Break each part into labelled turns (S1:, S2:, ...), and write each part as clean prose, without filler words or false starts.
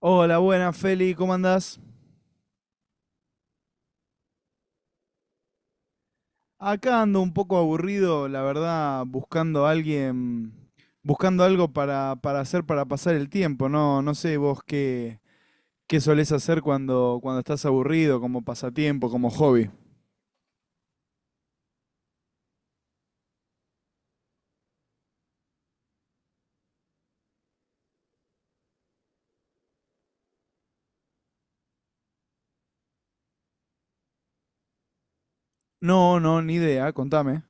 S1: Hola, buenas, Feli, ¿cómo andás? Acá ando un poco aburrido, la verdad, buscando a alguien, buscando algo para hacer para pasar el tiempo, ¿no? No sé vos qué solés hacer cuando estás aburrido, como pasatiempo, como hobby. No, no, ni idea, contame.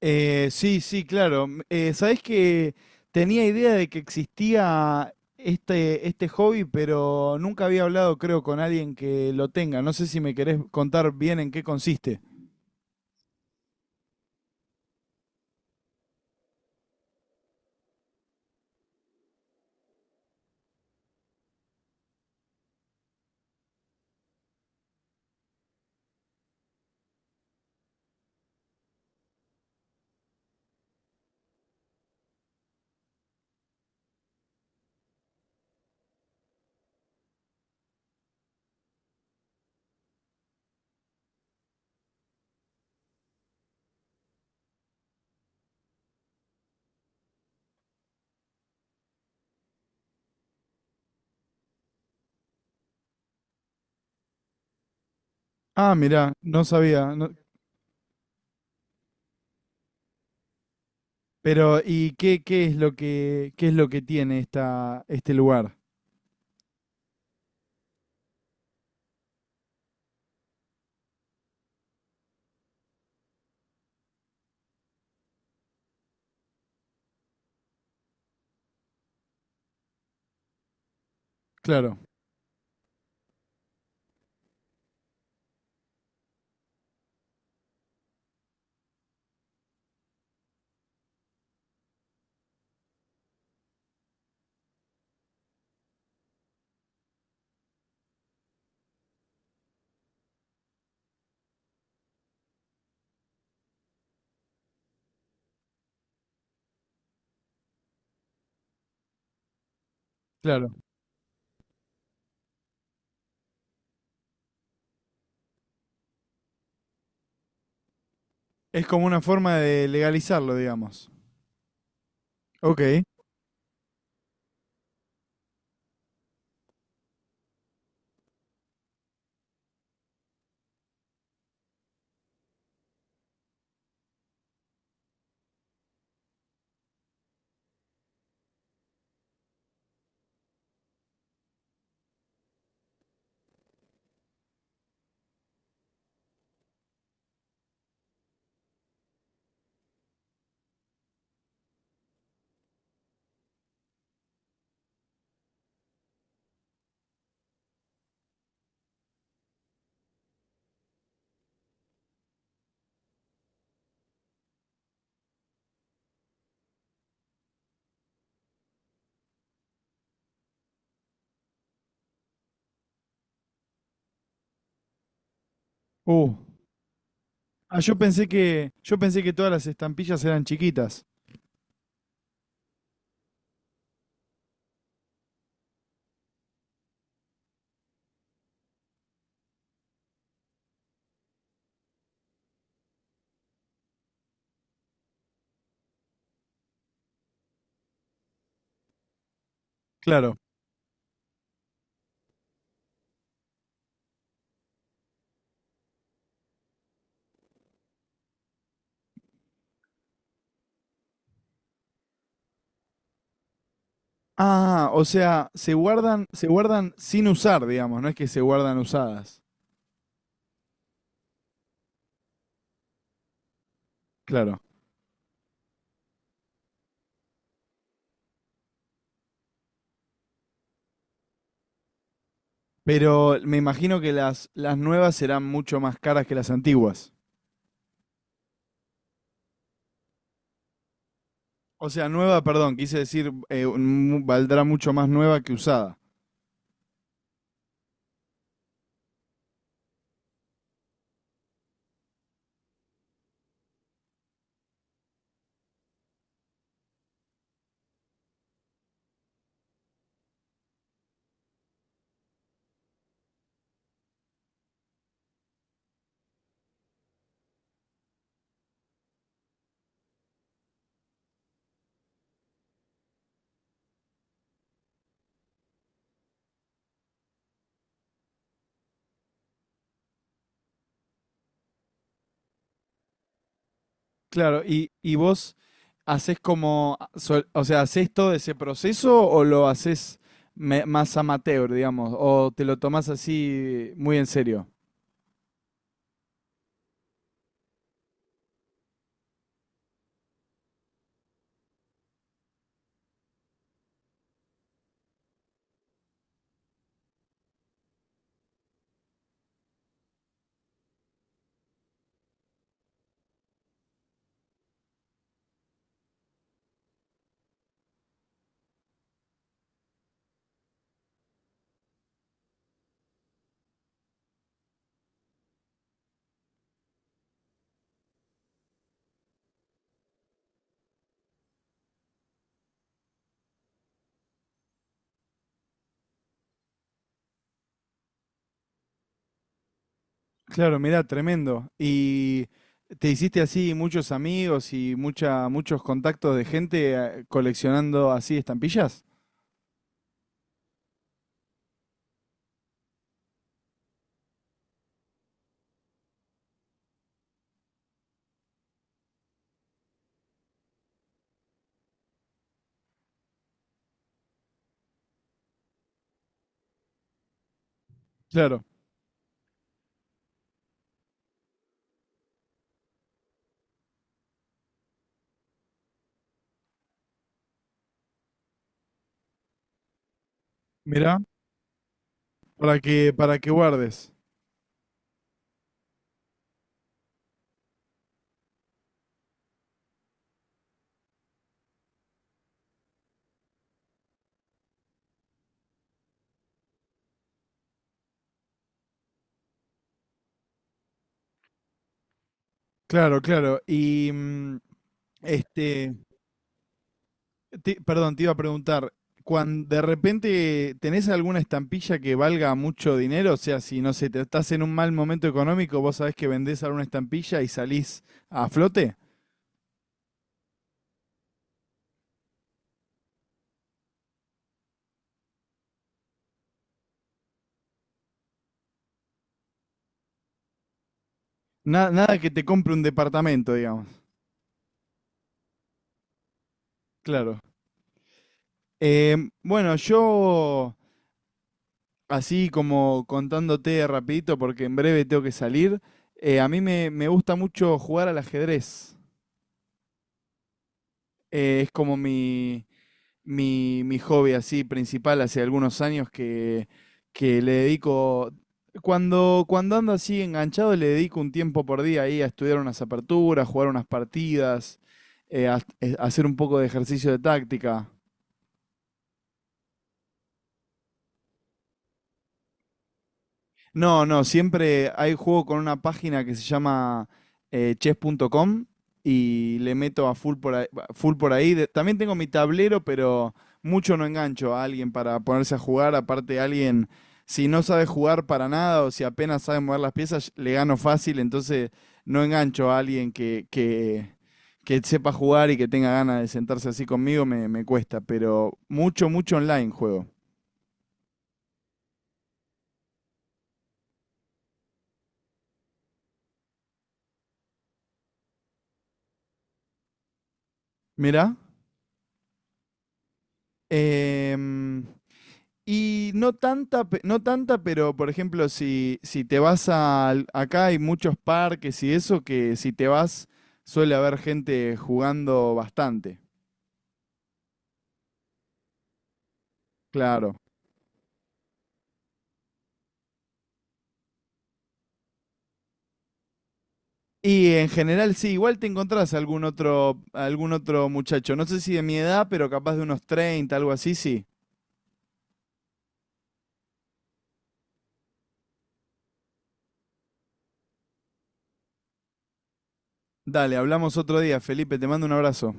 S1: Sí, sí, claro. Sabés que tenía idea de que existía este hobby, pero nunca había hablado, creo, con alguien que lo tenga. No sé si me querés contar bien en qué consiste. Ah, mirá, no sabía. Pero, ¿y qué es lo que, qué es lo que tiene este lugar? Claro, claro. Es como una forma de legalizarlo, digamos. Ok. Uh. Ah, yo pensé que todas las estampillas eran chiquitas. Claro. Ah, o sea, se guardan sin usar, digamos, no es que se guardan usadas. Claro. Pero me imagino que las nuevas serán mucho más caras que las antiguas. O sea, nueva, perdón, quise decir, valdrá mucho más nueva que usada. Claro, y vos haces como, o sea, ¿haces todo ese proceso o lo haces más amateur, digamos? ¿O te lo tomás así muy en serio? Claro, mira, tremendo. ¿Y te hiciste así muchos amigos y muchos contactos de gente coleccionando así estampillas? Claro, mira, para que guardes. Claro, claro. Y este... Perdón, te iba a preguntar, cuando de repente tenés alguna estampilla que valga mucho dinero, o sea, si no sé, te estás en un mal momento económico, vos sabés que vendés alguna estampilla y salís a flote. Nada que te compre un departamento, digamos. Claro. Bueno, yo así como contándote rapidito, porque en breve tengo que salir, a mí me gusta mucho jugar al ajedrez. Es como mi hobby así principal hace algunos años que le dedico, cuando ando así enganchado, le dedico un tiempo por día ahí a estudiar unas aperturas, jugar unas partidas, hacer un poco de ejercicio de táctica. No, no, siempre hay juego con una página que se llama chess.com y le meto a full por ahí. También tengo mi tablero, pero mucho no engancho a alguien para ponerse a jugar. Aparte, alguien, si no sabe jugar para nada o si apenas sabe mover las piezas, le gano fácil. Entonces, no engancho a alguien que sepa jugar y que tenga ganas de sentarse así conmigo, me cuesta. Pero mucho, mucho online juego. Mirá. em, Y no tanta, no tanta, pero por ejemplo, si te vas acá hay muchos parques y eso, que si te vas suele haber gente jugando bastante, claro. Y en general sí, igual te encontrás algún otro muchacho, no sé si de mi edad, pero capaz de unos 30 algo así, sí. Dale, hablamos otro día, Felipe, te mando un abrazo.